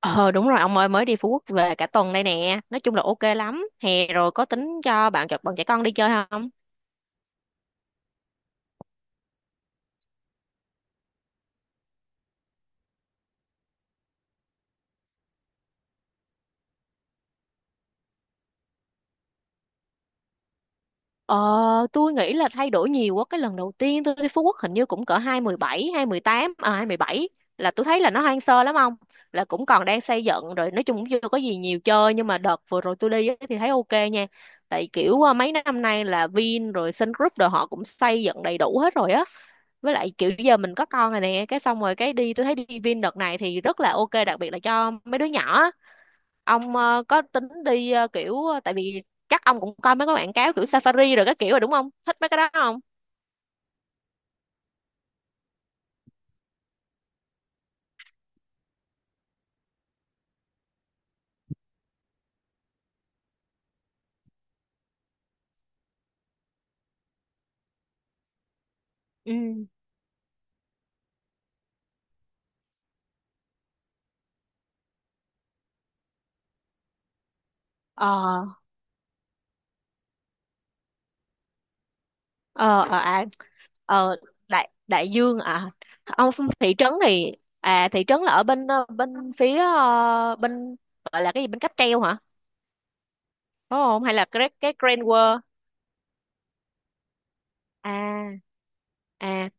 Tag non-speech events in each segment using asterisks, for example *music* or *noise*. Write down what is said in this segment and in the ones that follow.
Ờ đúng rồi ông ơi, mới đi Phú Quốc về cả tuần đây nè. Nói chung là ok lắm. Hè rồi có tính cho bạn trẻ con đi chơi không? Ờ tôi nghĩ là thay đổi nhiều quá. Cái lần đầu tiên tôi đi Phú Quốc hình như cũng cỡ 2017, hai mười bảy, là tôi thấy là nó hoang sơ lắm ông. Là cũng còn đang xây dựng rồi. Nói chung cũng chưa có gì nhiều chơi. Nhưng mà đợt vừa rồi tôi đi á thì thấy ok nha. Tại kiểu mấy năm nay là Vin rồi Sun Group rồi họ cũng xây dựng đầy đủ hết rồi á, với lại kiểu giờ mình có con rồi nè, cái xong rồi cái đi tôi thấy đi Vin đợt này thì rất là ok, đặc biệt là cho mấy đứa nhỏ á. Ông có tính đi kiểu tại vì chắc ông cũng coi mấy cái quảng cáo kiểu safari rồi các kiểu rồi đúng không, thích mấy cái đó không? Ừ. Ờ. Ờ À, ờ đại đại dương à ông? Thị trấn thì à, thị trấn là ở bên bên phía bên gọi là cái gì, bên cáp treo hả? Đúng không? Hay là cái Grand World? À. À.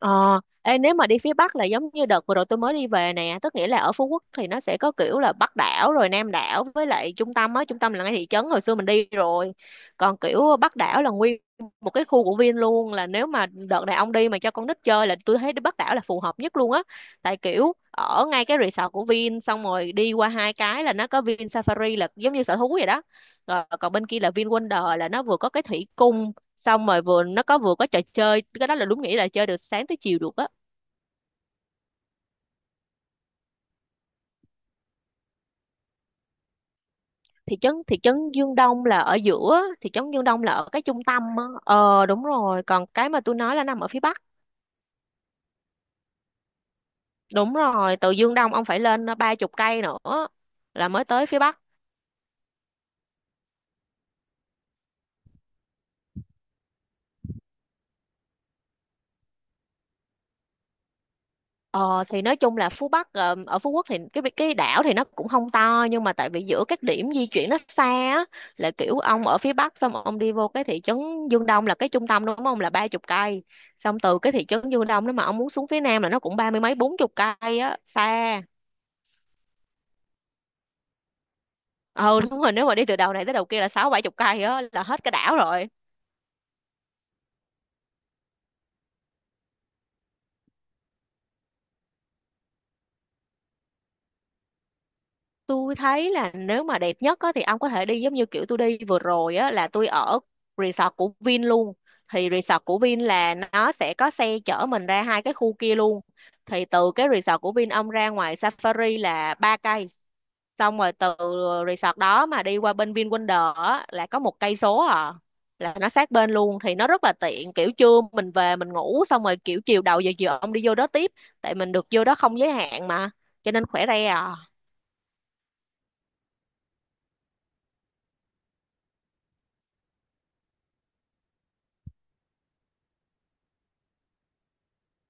Ờ, ê, nếu mà đi phía Bắc là giống như đợt vừa rồi tôi mới đi về nè, tức nghĩa là ở Phú Quốc thì nó sẽ có kiểu là Bắc đảo rồi Nam đảo với lại trung tâm á, trung tâm là ngay thị trấn hồi xưa mình đi rồi. Còn kiểu Bắc đảo là nguyên một cái khu của Vin luôn, là nếu mà đợt này ông đi mà cho con nít chơi là tôi thấy đi Bắc đảo là phù hợp nhất luôn á. Tại kiểu ở ngay cái resort của Vin xong rồi đi qua hai cái là nó có Vin Safari là giống như sở thú vậy đó. Rồi còn bên kia là Vin Wonder là nó vừa có cái thủy cung xong rồi vừa nó có vừa có trò chơi, cái đó là đúng nghĩa là chơi được sáng tới chiều được á. Thị trấn Dương Đông là ở giữa, thị trấn Dương Đông là ở cái trung tâm á, ờ đúng rồi, còn cái mà tôi nói là nằm ở phía bắc. Đúng rồi, từ Dương Đông ông phải lên ba chục cây nữa là mới tới phía bắc. Ờ thì nói chung là ở Phú Quốc thì cái đảo thì nó cũng không to, nhưng mà tại vì giữa các điểm di chuyển nó xa á, là kiểu ông ở phía Bắc xong ông đi vô cái thị trấn Dương Đông là cái trung tâm đúng không, là ba chục cây, xong từ cái thị trấn Dương Đông đó mà ông muốn xuống phía Nam là nó cũng ba mươi mấy bốn chục cây á, xa. Ừ đúng rồi, nếu mà đi từ đầu này tới đầu kia là sáu bảy chục cây á, là hết cái đảo rồi. Tôi thấy là nếu mà đẹp nhất á, thì ông có thể đi giống như kiểu tôi đi vừa rồi á, là tôi ở resort của Vin luôn. Thì resort của Vin là nó sẽ có xe chở mình ra hai cái khu kia luôn. Thì từ cái resort của Vin ông ra ngoài Safari là ba cây. Xong rồi từ resort đó mà đi qua bên VinWonder á, là có một cây số à. Là nó sát bên luôn, thì nó rất là tiện, kiểu trưa mình về mình ngủ xong rồi kiểu chiều đầu giờ chiều ông đi vô đó tiếp, tại mình được vô đó không giới hạn mà, cho nên khỏe re à.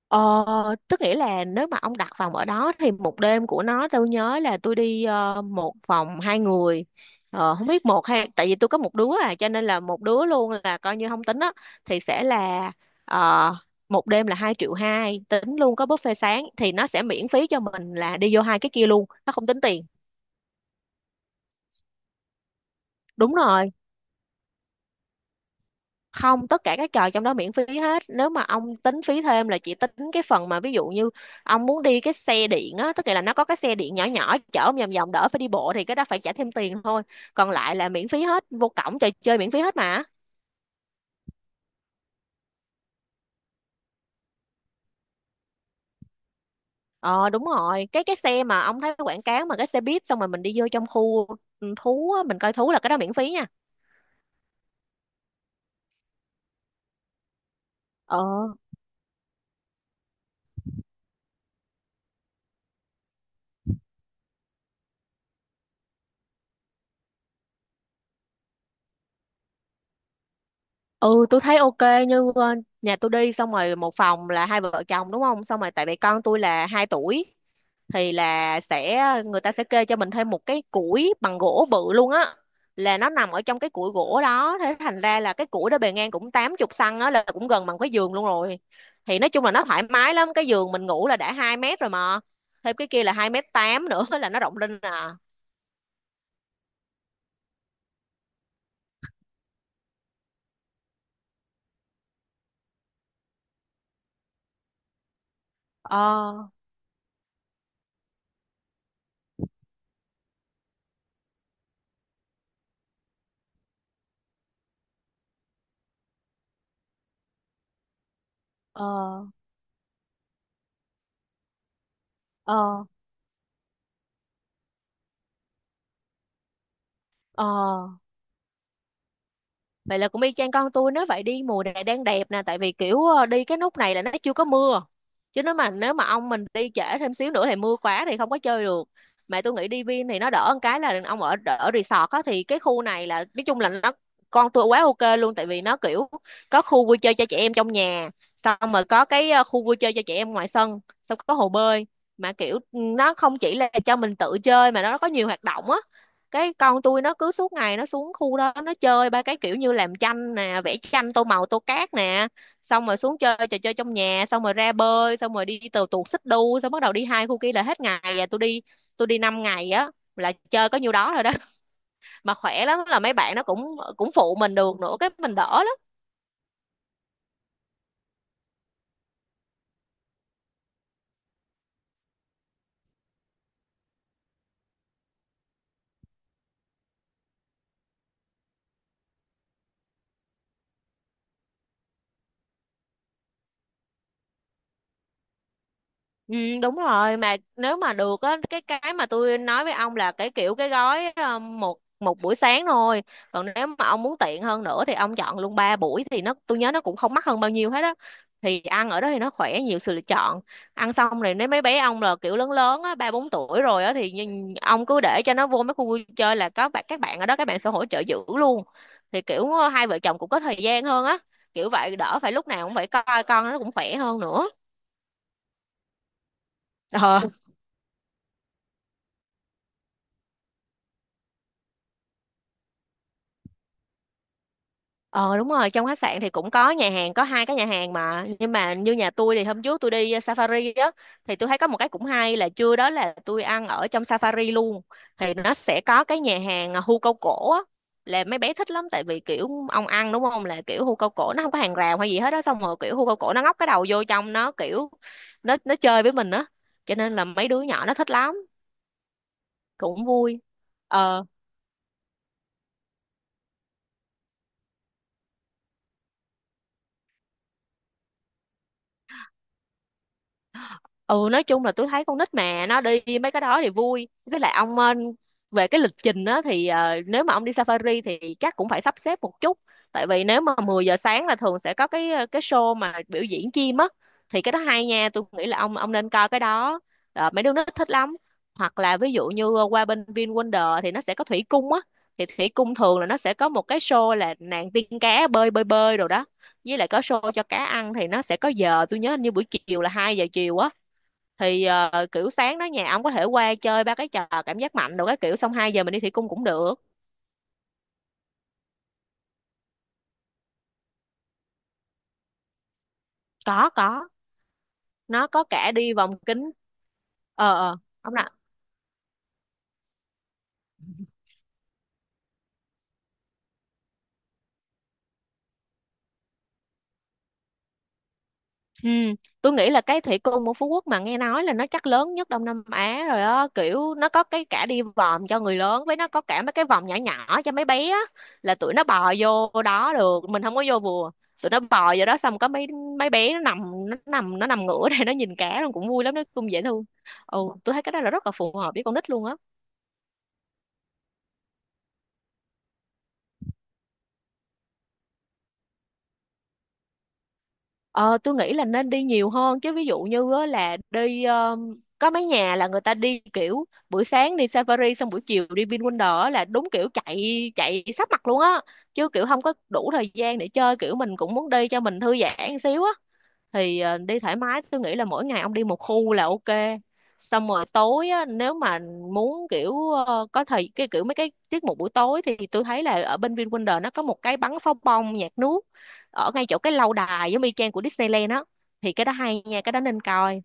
Ờ, tức nghĩa là nếu mà ông đặt phòng ở đó thì một đêm của nó tôi nhớ là tôi đi một phòng hai người, không biết một hay tại vì tôi có một đứa à, cho nên là một đứa luôn là coi như không tính á, thì sẽ là ờ, một đêm là hai triệu hai, tính luôn có buffet sáng, thì nó sẽ miễn phí cho mình là đi vô hai cái kia luôn, nó không tính tiền. Đúng rồi. Không, tất cả các trò trong đó miễn phí hết, nếu mà ông tính phí thêm là chỉ tính cái phần mà ví dụ như ông muốn đi cái xe điện á, tức là nó có cái xe điện nhỏ nhỏ chở ông vòng vòng đỡ phải đi bộ thì cái đó phải trả thêm tiền thôi, còn lại là miễn phí hết, vô cổng trò chơi miễn phí hết mà. Ờ đúng rồi, cái xe mà ông thấy quảng cáo mà cái xe buýt xong rồi mình đi vô trong khu ừ, thú á, mình coi thú là cái đó miễn phí nha. Ờ. Ừ tôi thấy ok, như nhà tôi đi xong rồi một phòng là hai vợ chồng đúng không, xong rồi tại vì con tôi là hai tuổi thì là sẽ người ta sẽ kê cho mình thêm một cái củi bằng gỗ bự luôn á, là nó nằm ở trong cái củi gỗ đó, thế thành ra là cái củi đó bề ngang cũng tám chục xăng á là cũng gần bằng cái giường luôn rồi, thì nói chung là nó thoải mái lắm, cái giường mình ngủ là đã 2 mét rồi mà thêm cái kia là 2 mét tám nữa *laughs* là nó rộng lên à. ờ ờ ờ ờ Vậy là cũng y chang con tôi, nếu vậy đi mùa này đang đẹp nè, tại vì kiểu đi cái nút này là nó chưa có mưa, chứ nếu mà ông mình đi trễ thêm xíu nữa thì mưa quá thì không có chơi được. Mà tôi nghĩ đi Vin thì nó đỡ một cái là ông ở ở resort á, thì cái khu này là nói chung là nó con tôi quá ok luôn, tại vì nó kiểu có khu vui chơi cho trẻ em trong nhà xong rồi có cái khu vui chơi cho trẻ em ngoài sân, xong có hồ bơi, mà kiểu nó không chỉ là cho mình tự chơi mà nó có nhiều hoạt động á, cái con tôi nó cứ suốt ngày nó xuống khu đó nó chơi ba cái kiểu như làm tranh nè, vẽ tranh tô màu tô cát nè, xong rồi xuống chơi trò chơi trong nhà xong rồi ra bơi xong rồi đi tàu tuột xích đu xong bắt đầu đi hai khu kia là hết ngày, và tôi đi 5 ngày á, là chơi có nhiêu đó rồi đó *laughs* mà khỏe lắm là mấy bạn nó cũng cũng phụ mình được nữa, cái mình đỡ lắm. Ừ, đúng rồi, mà nếu mà được á, cái mà tôi nói với ông là cái kiểu cái gói một một buổi sáng thôi, còn nếu mà ông muốn tiện hơn nữa thì ông chọn luôn ba buổi thì nó tôi nhớ nó cũng không mắc hơn bao nhiêu hết á, thì ăn ở đó thì nó khỏe, nhiều sự lựa chọn, ăn xong rồi nếu mấy bé ông là kiểu lớn lớn á ba bốn tuổi rồi á thì ông cứ để cho nó vô mấy khu vui chơi là có bạn, các bạn ở đó các bạn sẽ hỗ trợ giữ luôn, thì kiểu hai vợ chồng cũng có thời gian hơn á, kiểu vậy đỡ phải lúc nào cũng phải coi con, nó cũng khỏe hơn nữa. Ờ đúng rồi, trong khách sạn thì cũng có nhà hàng, có hai cái nhà hàng mà, nhưng mà như nhà tôi thì hôm trước tôi đi safari á thì tôi thấy có một cái cũng hay là trưa đó là tôi ăn ở trong safari luôn. Thì nó sẽ có cái nhà hàng hươu câu cổ á, là mấy bé thích lắm, tại vì kiểu ông ăn đúng không là kiểu hươu câu cổ nó không có hàng rào hay gì hết á, xong rồi kiểu hươu câu cổ nó ngóc cái đầu vô trong nó kiểu nó chơi với mình á, cho nên là mấy đứa nhỏ nó thích lắm, cũng vui. Ờ. Ừ nói chung là tôi thấy con nít mà nó đi mấy cái đó thì vui, với lại ông về cái lịch trình á thì nếu mà ông đi safari thì chắc cũng phải sắp xếp một chút, tại vì nếu mà 10 giờ sáng là thường sẽ có cái show mà biểu diễn chim á, thì cái đó hay nha, tôi nghĩ là ông nên coi cái đó. Ờ, mấy đứa nó thích lắm, hoặc là ví dụ như qua bên VinWonder thì nó sẽ có thủy cung á, thì thủy cung thường là nó sẽ có một cái show là nàng tiên cá bơi bơi bơi rồi đó, với lại có show cho cá ăn thì nó sẽ có giờ tôi nhớ hình như buổi chiều là 2 giờ chiều á, thì kiểu sáng đó nhà ông có thể qua chơi ba cái trò cảm giác mạnh đồ cái kiểu, xong 2 giờ mình đi thủy cung cũng được. Có, nó có cả đi vòng kính. Ờ. Ờ ông. Ừ, tôi nghĩ là cái thủy cung của Phú Quốc mà nghe nói là nó chắc lớn nhất Đông Nam Á rồi á, kiểu nó có cái cả đi vòm cho người lớn với nó có cả mấy cái vòm nhỏ nhỏ cho mấy bé á, là tụi nó bò vô đó được, mình không có vô bùa. Tụi nó bò vô đó xong có mấy mấy bé nó nằm ngửa *laughs* đây nó nhìn cá luôn, cũng vui lắm, nó cũng dễ thương. Ừ, tôi thấy cái đó là rất là phù hợp với con nít luôn á. Ờ, tôi nghĩ là nên đi nhiều hơn chứ, ví dụ như á, là đi có mấy nhà là người ta đi kiểu buổi sáng đi Safari xong buổi chiều đi VinWonder á, là đúng kiểu chạy chạy sắp mặt luôn á, chứ kiểu không có đủ thời gian để chơi, kiểu mình cũng muốn đi cho mình thư giãn xíu á, thì đi thoải mái tôi nghĩ là mỗi ngày ông đi một khu là ok, xong rồi tối á, nếu mà muốn kiểu có thời cái kiểu mấy cái tiết mục buổi tối thì tôi thấy là ở bên VinWonder nó có một cái bắn pháo bông nhạc nước ở ngay chỗ cái lâu đài giống y chang của Disneyland á, thì cái đó hay nha, cái đó nên coi,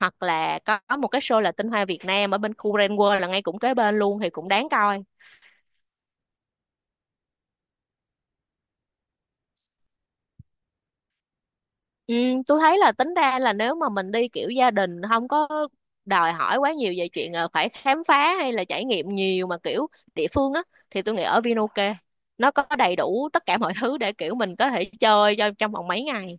hoặc là có một cái show là tinh hoa Việt Nam ở bên khu Grand World là ngay cũng kế bên luôn thì cũng đáng coi. Ừ, tôi thấy là tính ra là nếu mà mình đi kiểu gia đình không có đòi hỏi quá nhiều về chuyện phải khám phá hay là trải nghiệm nhiều mà kiểu địa phương á, thì tôi nghĩ ở Vinoke nó có đầy đủ tất cả mọi thứ để kiểu mình có thể chơi cho trong vòng mấy ngày.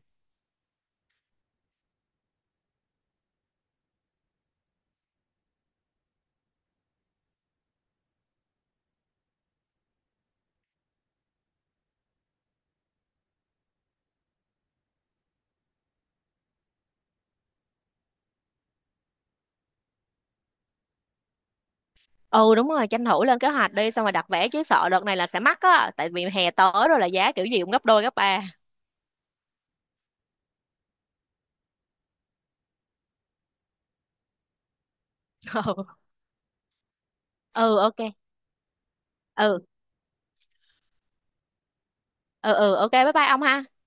Ừ đúng rồi, tranh thủ lên kế hoạch đi xong rồi đặt vé chứ sợ đợt này là sẽ mắc á, tại vì hè tới rồi là giá kiểu gì cũng gấp đôi gấp ba. *laughs* Ừ ok. Ừ ừ ừ ok bye bye ông ha.